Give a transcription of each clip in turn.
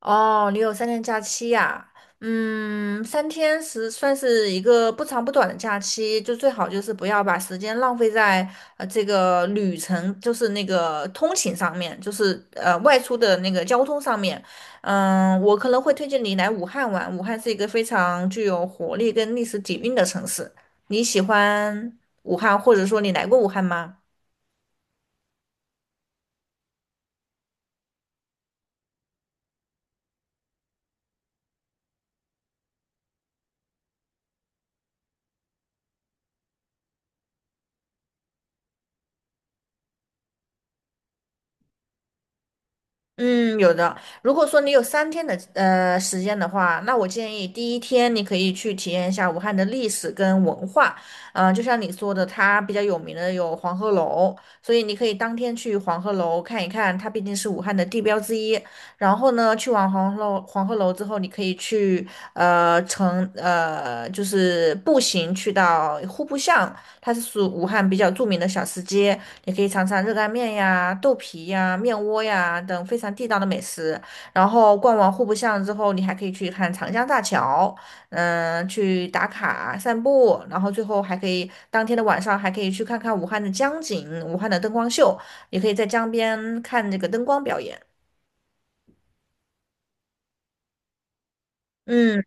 哦，你有三天假期呀？三天是算是一个不长不短的假期，就最好就是不要把时间浪费在这个旅程，就是那个通勤上面，就是外出的那个交通上面。嗯，我可能会推荐你来武汉玩，武汉是一个非常具有活力跟历史底蕴的城市。你喜欢武汉，或者说你来过武汉吗？嗯，有的。如果说你有三天的时间的话，那我建议第一天你可以去体验一下武汉的历史跟文化。嗯、就像你说的，它比较有名的有黄鹤楼，所以你可以当天去黄鹤楼看一看，它毕竟是武汉的地标之一。然后呢，去完黄鹤楼之后，你可以去呃乘呃就是步行去到户部巷，它是属武汉比较著名的小吃街，你可以尝尝热干面呀、豆皮呀、面窝呀等非常地道的美食。然后逛完户部巷之后，你还可以去看长江大桥，嗯，去打卡散步，然后最后还可以当天的晚上还可以去看看武汉的江景、武汉的灯光秀，也可以在江边看这个灯光表演。嗯。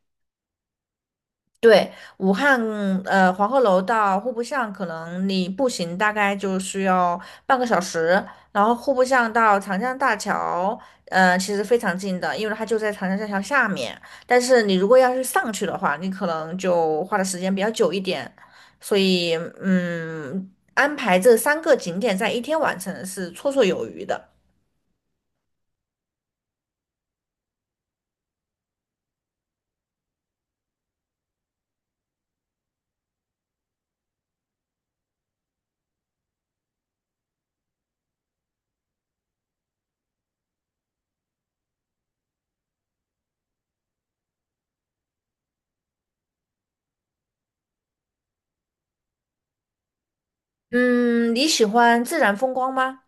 对，武汉黄鹤楼到户部巷，可能你步行大概就需要半个小时，然后户部巷到长江大桥，其实非常近的，因为它就在长江大桥下面。但是你如果要是上去的话，你可能就花的时间比较久一点，所以嗯，安排这三个景点在一天完成是绰绰有余的。嗯，你喜欢自然风光吗？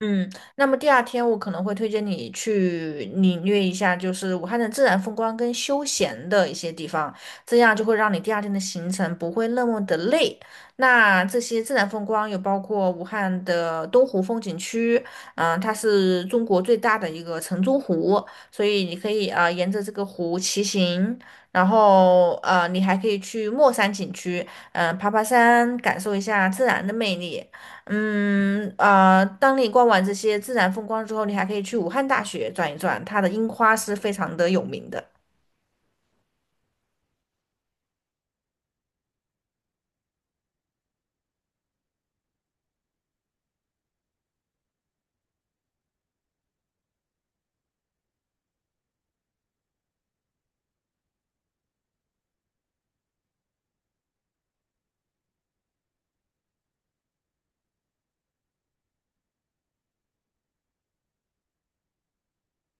嗯，那么第二天我可能会推荐你去领略一下，就是武汉的自然风光跟休闲的一些地方，这样就会让你第二天的行程不会那么的累。那这些自然风光有包括武汉的东湖风景区，嗯、它是中国最大的一个城中湖，所以你可以啊、沿着这个湖骑行，然后你还可以去墨山景区，嗯、爬爬山，感受一下自然的魅力。当你逛完这些自然风光之后，你还可以去武汉大学转一转，它的樱花是非常的有名的。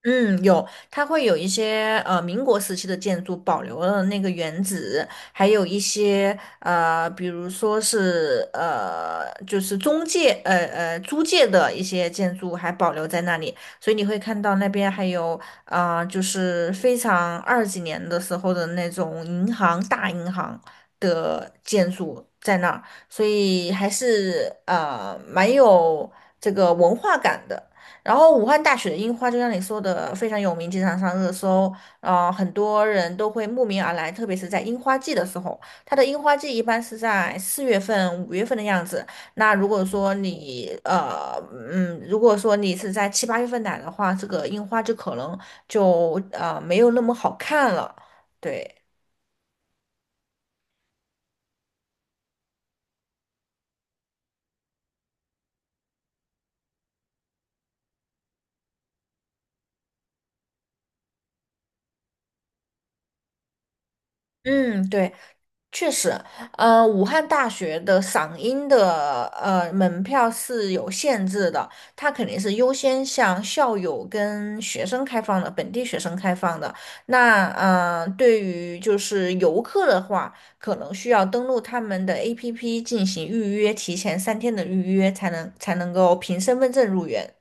嗯，有，它会有一些民国时期的建筑保留了那个原址，还有一些比如说是就是中介租界的一些建筑还保留在那里，所以你会看到那边还有啊、就是非常二几年的时候的那种大银行的建筑在那儿，所以还是蛮有这个文化感的。然后武汉大学的樱花，就像你说的，非常有名，经常上热搜，啊，很多人都会慕名而来，特别是在樱花季的时候。它的樱花季一般是在四月份、五月份的样子。那如果说如果说你是在七八月份来的话，这个樱花就可能没有那么好看了。对，嗯，对。确实，武汉大学的嗓音的门票是有限制的，它肯定是优先向校友跟学生开放的，本地学生开放的。对于就是游客的话，可能需要登录他们的 APP 进行预约，提前三天的预约才能够凭身份证入园。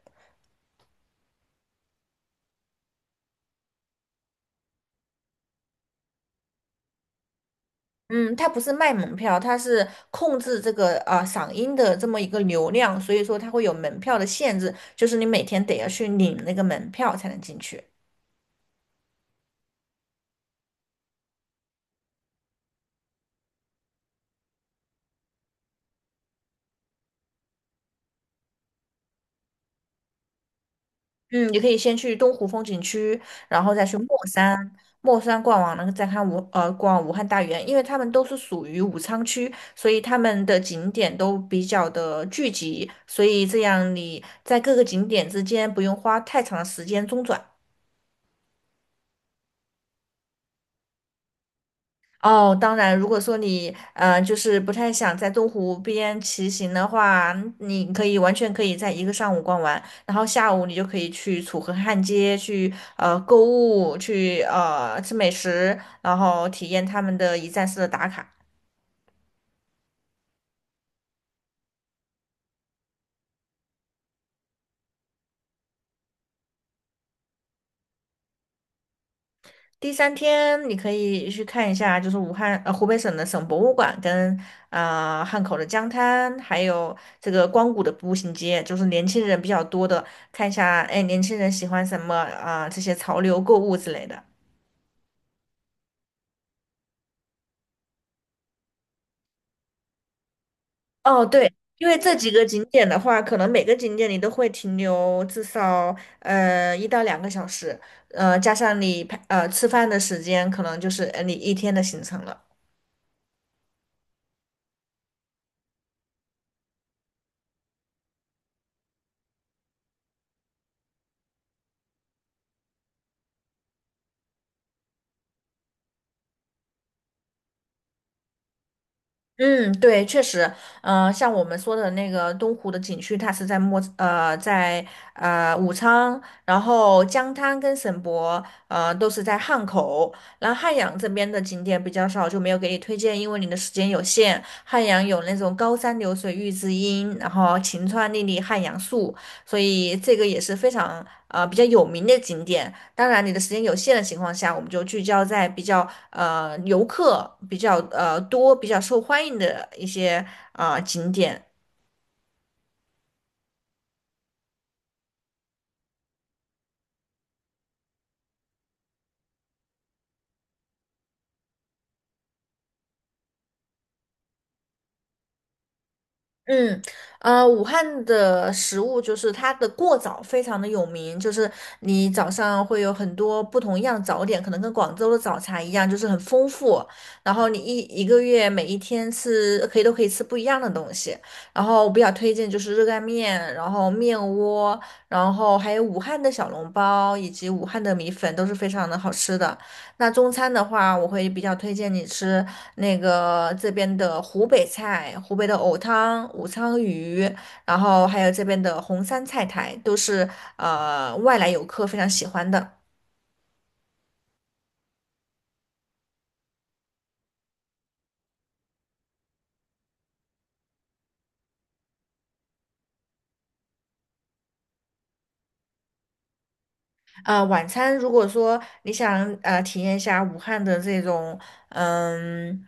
嗯，它不是卖门票，它是控制这个嗓音的这么一个流量，所以说它会有门票的限制，就是你每天得要去领那个门票才能进去。嗯，你可以先去东湖风景区，然后再去墨山，墨山逛完了再看逛武汉大园，因为他们都是属于武昌区，所以他们的景点都比较的聚集，所以这样你在各个景点之间不用花太长的时间中转。哦，当然，如果说就是不太想在东湖边骑行的话，你可以完全可以在一个上午逛完，然后下午你就可以去楚河汉街去购物，去吃美食，然后体验他们的一站式的打卡。第三天你可以去看一下，就是湖北省的省博物馆跟啊、汉口的江滩，还有这个光谷的步行街，就是年轻人比较多的，看一下哎年轻人喜欢什么啊、这些潮流购物之类的。哦，对，因为这几个景点的话，可能每个景点你都会停留至少一到两个小时，加上你吃饭的时间，可能就是你一天的行程了。嗯，对，确实，嗯、像我们说的那个东湖的景区，它是在武昌，然后江滩跟省博，都是在汉口。然后汉阳这边的景点比较少，就没有给你推荐，因为你的时间有限。汉阳有那种高山流水遇知音，然后晴川历历汉阳树，所以这个也是非常比较有名的景点。当然，你的时间有限的情况下，我们就聚焦在比较游客比较多、比较受欢迎的一些啊、景点。嗯，武汉的食物就是它的过早非常的有名，就是你早上会有很多不同样的早点，可能跟广州的早茶一样，就是很丰富。然后你一个月每一天吃可以都可以吃不一样的东西。然后我比较推荐就是热干面，然后面窝，然后还有武汉的小笼包以及武汉的米粉都是非常的好吃的。那中餐的话，我会比较推荐你吃那个这边的湖北菜，湖北的藕汤、武昌鱼，然后还有这边的红山菜苔，都是外来游客非常喜欢的。晚餐如果说你想体验一下武汉的这种嗯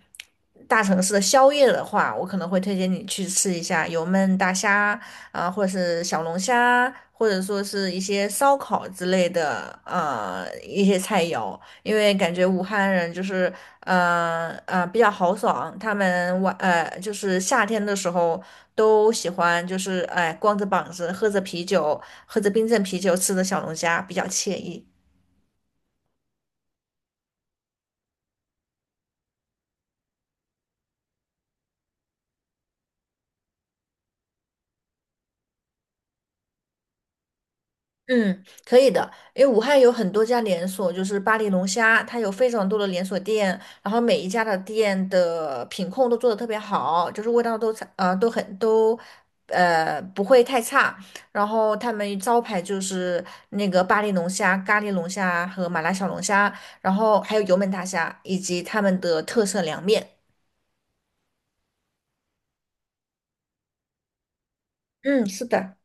大城市的宵夜的话，我可能会推荐你去吃一下油焖大虾啊、或者是小龙虾，或者说是一些烧烤之类的一些菜肴，因为感觉武汉人就是比较豪爽，他们就是夏天的时候。都喜欢，就是哎，光着膀子，喝着啤酒，喝着冰镇啤酒，吃着小龙虾，比较惬意。嗯，可以的，因为武汉有很多家连锁，就是巴黎龙虾，它有非常多的连锁店，然后每一家的店的品控都做得特别好，就是味道都差呃都很都呃不会太差。然后他们招牌就是那个巴黎龙虾、咖喱龙虾和麻辣小龙虾，然后还有油焖大虾以及他们的特色凉面。嗯，是的。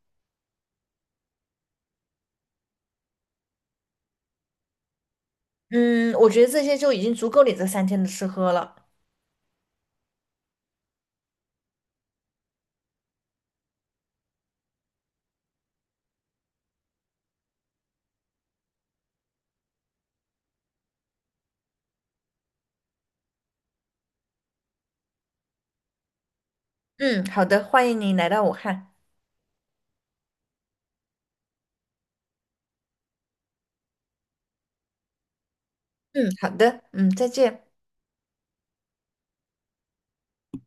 嗯，我觉得这些就已经足够你这三天的吃喝了。嗯，好的，欢迎你来到武汉。嗯，好的，嗯，再见。